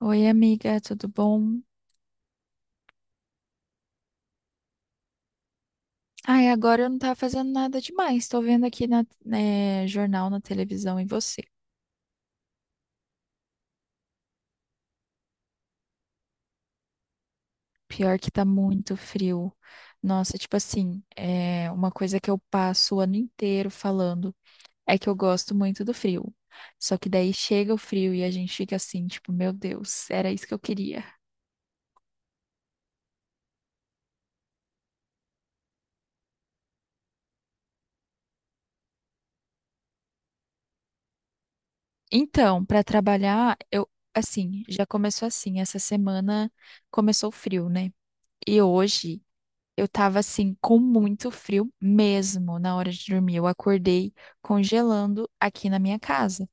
Oi, amiga, tudo bom? Ai, agora eu não tava fazendo nada demais. Tô vendo aqui na, né, jornal, na televisão e você. Pior que tá muito frio. Nossa, tipo assim, é uma coisa que eu passo o ano inteiro falando é que eu gosto muito do frio. Só que daí chega o frio e a gente fica assim, tipo, meu Deus, era isso que eu queria. Então, pra trabalhar, eu assim, já começou assim, essa semana começou o frio, né? E hoje eu tava assim com muito frio mesmo na hora de dormir. Eu acordei congelando aqui na minha casa.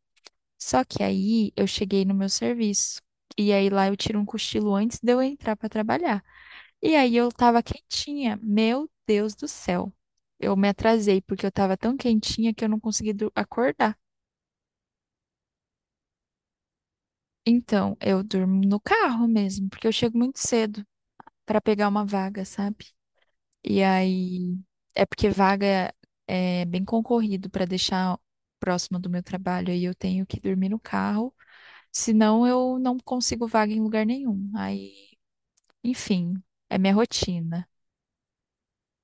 Só que aí eu cheguei no meu serviço. E aí lá eu tiro um cochilo antes de eu entrar pra trabalhar. E aí eu tava quentinha. Meu Deus do céu. Eu me atrasei porque eu tava tão quentinha que eu não consegui acordar. Então, eu durmo no carro mesmo, porque eu chego muito cedo pra pegar uma vaga, sabe? E aí, é porque vaga é bem concorrido para deixar próximo do meu trabalho, aí eu tenho que dormir no carro, senão eu não consigo vaga em lugar nenhum. Aí, enfim, é minha rotina.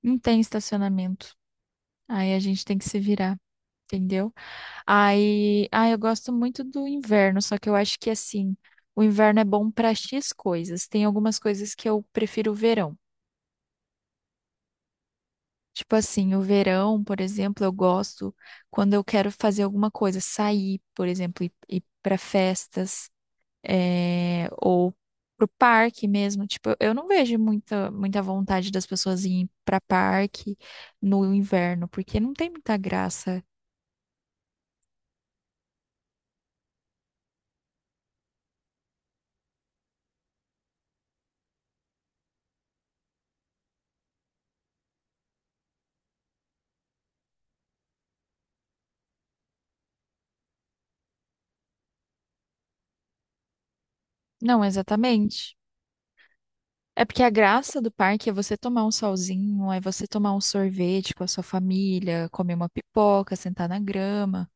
Não tem estacionamento. Aí a gente tem que se virar, entendeu? Aí, ah, eu gosto muito do inverno, só que eu acho que assim, o inverno é bom para X coisas. Tem algumas coisas que eu prefiro o verão. Tipo assim, o verão, por exemplo, eu gosto quando eu quero fazer alguma coisa, sair, por exemplo, ir para festas, ou pro parque mesmo. Tipo, eu não vejo muita, muita vontade das pessoas irem para parque no inverno, porque não tem muita graça. Não, exatamente. É porque a graça do parque é você tomar um solzinho, é você tomar um sorvete com a sua família, comer uma pipoca, sentar na grama.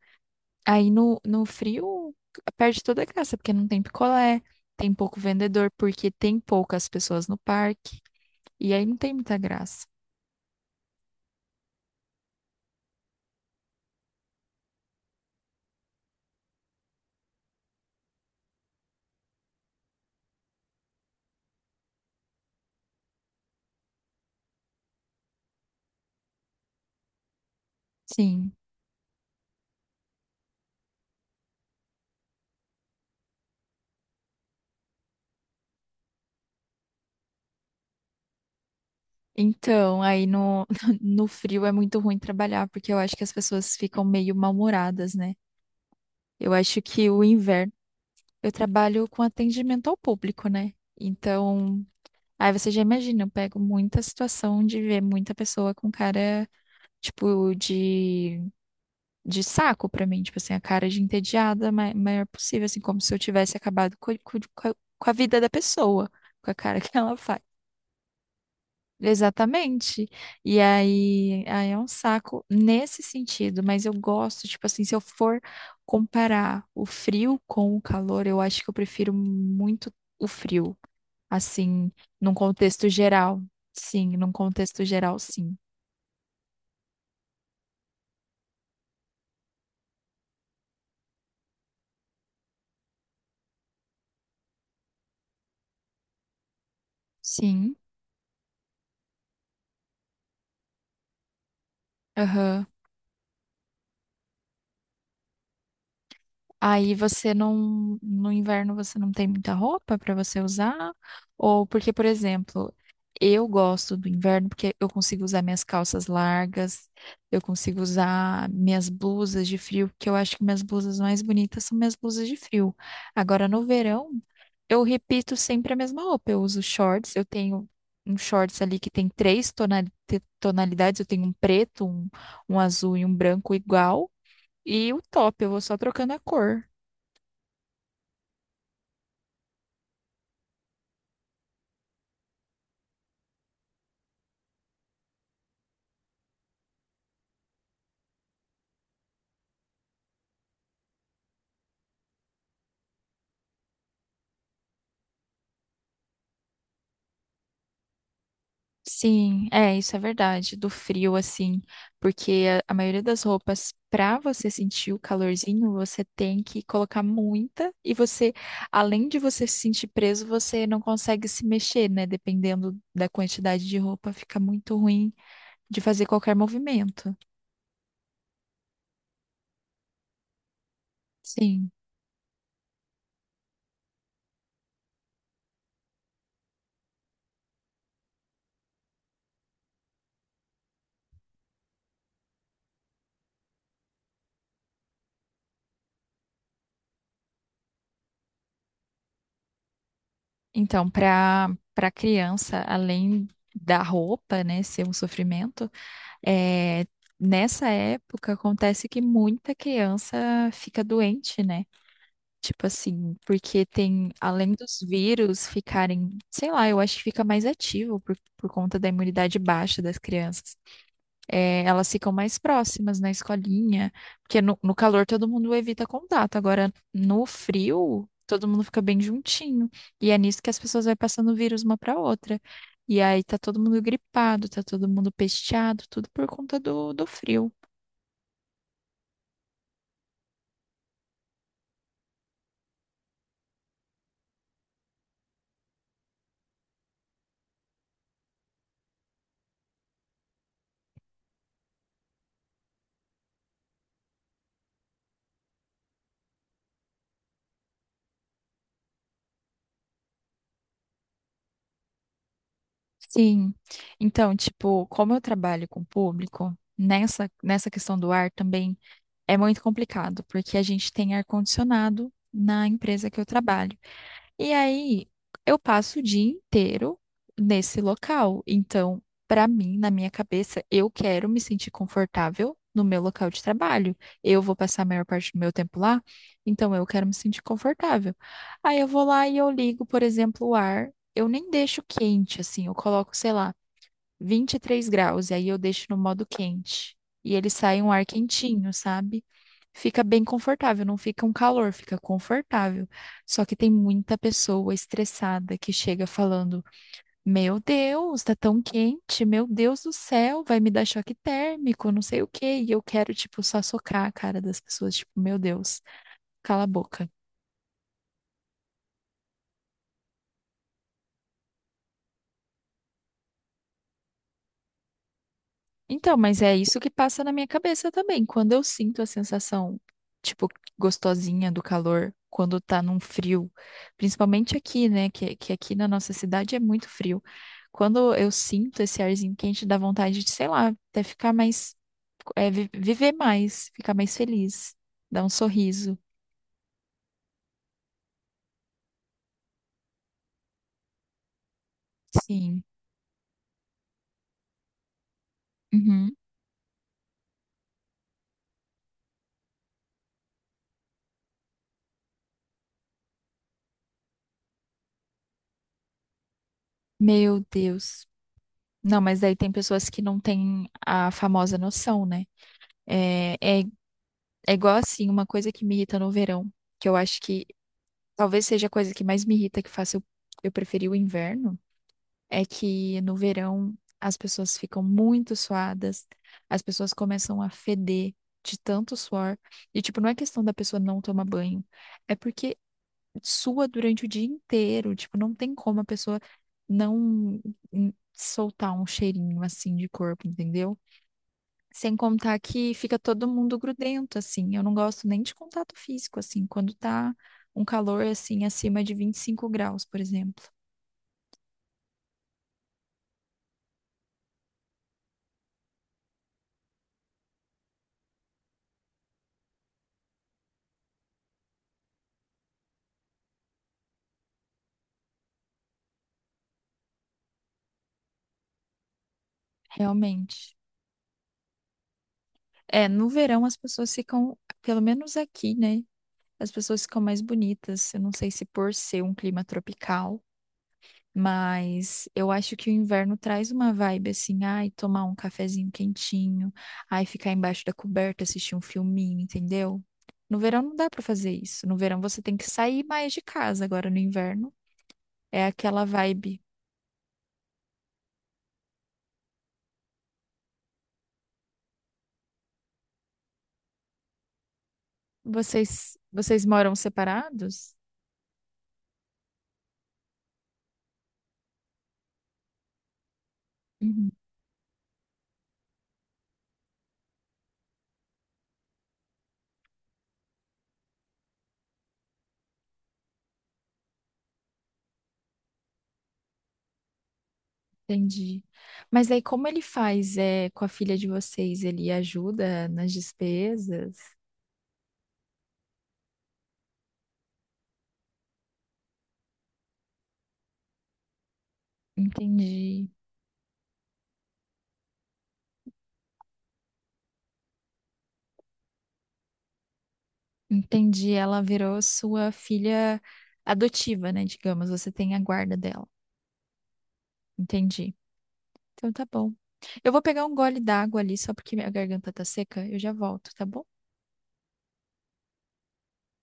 Aí no frio perde toda a graça, porque não tem picolé, tem pouco vendedor, porque tem poucas pessoas no parque, e aí não tem muita graça. Sim. Então, aí no, no frio é muito ruim trabalhar, porque eu acho que as pessoas ficam meio mal-humoradas, né? Eu acho que o inverno, eu trabalho com atendimento ao público, né? Então, aí você já imagina, eu pego muita situação de ver muita pessoa com cara, tipo, de saco pra mim, tipo assim, a cara de entediada maior possível, assim, como se eu tivesse acabado com a vida da pessoa, com a cara que ela faz. Exatamente. E aí é um saco nesse sentido, mas eu gosto, tipo assim, se eu for comparar o frio com o calor, eu acho que eu prefiro muito o frio, assim, num contexto geral. Sim, num contexto geral, sim. Sim. Aham. Aí você não, no inverno você não tem muita roupa para você usar? Ou porque, por exemplo, eu gosto do inverno porque eu consigo usar minhas calças largas, eu consigo usar minhas blusas de frio, porque eu acho que minhas blusas mais bonitas são minhas blusas de frio. Agora, no verão, eu repito sempre a mesma roupa. Eu uso shorts, eu tenho um shorts ali que tem três tonalidades, eu tenho um preto, um azul e um branco igual. E o top, eu vou só trocando a cor. Sim, é, isso é verdade, do frio, assim, porque a maioria das roupas, para você sentir o calorzinho, você tem que colocar muita e você, além de você se sentir preso, você não consegue se mexer, né? Dependendo da quantidade de roupa, fica muito ruim de fazer qualquer movimento. Sim. Então, para criança, além da roupa, né, ser um sofrimento, é, nessa época acontece que muita criança fica doente, né? Tipo assim, porque tem, além dos vírus ficarem, sei lá, eu acho que fica mais ativo por conta da imunidade baixa das crianças. É, elas ficam mais próximas na escolinha, porque no calor todo mundo evita contato, agora no frio todo mundo fica bem juntinho. E é nisso que as pessoas vão passando o vírus uma para outra. E aí tá todo mundo gripado, tá todo mundo pesteado, tudo por conta do frio. Sim. Então, tipo, como eu trabalho com público, nessa questão do ar também é muito complicado, porque a gente tem ar-condicionado na empresa que eu trabalho. E aí eu passo o dia inteiro nesse local. Então, para mim, na minha cabeça, eu quero me sentir confortável no meu local de trabalho. Eu vou passar a maior parte do meu tempo lá, então eu quero me sentir confortável. Aí eu vou lá e eu ligo, por exemplo, o ar. Eu nem deixo quente, assim, eu coloco, sei lá 23 graus, e aí eu deixo no modo quente. E ele sai um ar quentinho, sabe? Fica bem confortável, não fica um calor, fica confortável. Só que tem muita pessoa estressada que chega falando: meu Deus, tá tão quente, meu Deus do céu, vai me dar choque térmico, não sei o quê. E eu quero, tipo, só socar a cara das pessoas, tipo, meu Deus, cala a boca. Então, mas é isso que passa na minha cabeça também. Quando eu sinto a sensação, tipo, gostosinha do calor, quando tá num frio, principalmente aqui, né? Que aqui na nossa cidade é muito frio. Quando eu sinto esse arzinho quente, dá vontade de, sei lá, até ficar mais, é, viver mais, ficar mais feliz, dar um sorriso. Sim. Uhum. Meu Deus. Não, mas daí tem pessoas que não têm a famosa noção, né? É, é É igual assim, uma coisa que me irrita no verão, que eu acho que talvez seja a coisa que mais me irrita, que faça eu preferir o inverno, é que no verão as pessoas ficam muito suadas, as pessoas começam a feder de tanto suor. E, tipo, não é questão da pessoa não tomar banho, é porque sua durante o dia inteiro. Tipo, não tem como a pessoa não soltar um cheirinho assim de corpo, entendeu? Sem contar que fica todo mundo grudento, assim. Eu não gosto nem de contato físico, assim, quando tá um calor, assim, acima de 25 graus, por exemplo. Realmente. É, no verão as pessoas ficam, pelo menos aqui, né? As pessoas ficam mais bonitas. Eu não sei se por ser um clima tropical. Mas eu acho que o inverno traz uma vibe assim, ai, tomar um cafezinho quentinho, ai, ficar embaixo da coberta, assistir um filminho, entendeu? No verão não dá pra fazer isso. No verão você tem que sair mais de casa. Agora no inverno é aquela vibe. Vocês moram separados? Uhum, entendi. Mas aí como ele faz é, com a filha de vocês? Ele ajuda nas despesas? Entendi. Entendi. Ela virou sua filha adotiva, né? Digamos, você tem a guarda dela. Entendi. Então tá bom. Eu vou pegar um gole d'água ali, só porque minha garganta tá seca. Eu já volto, tá bom?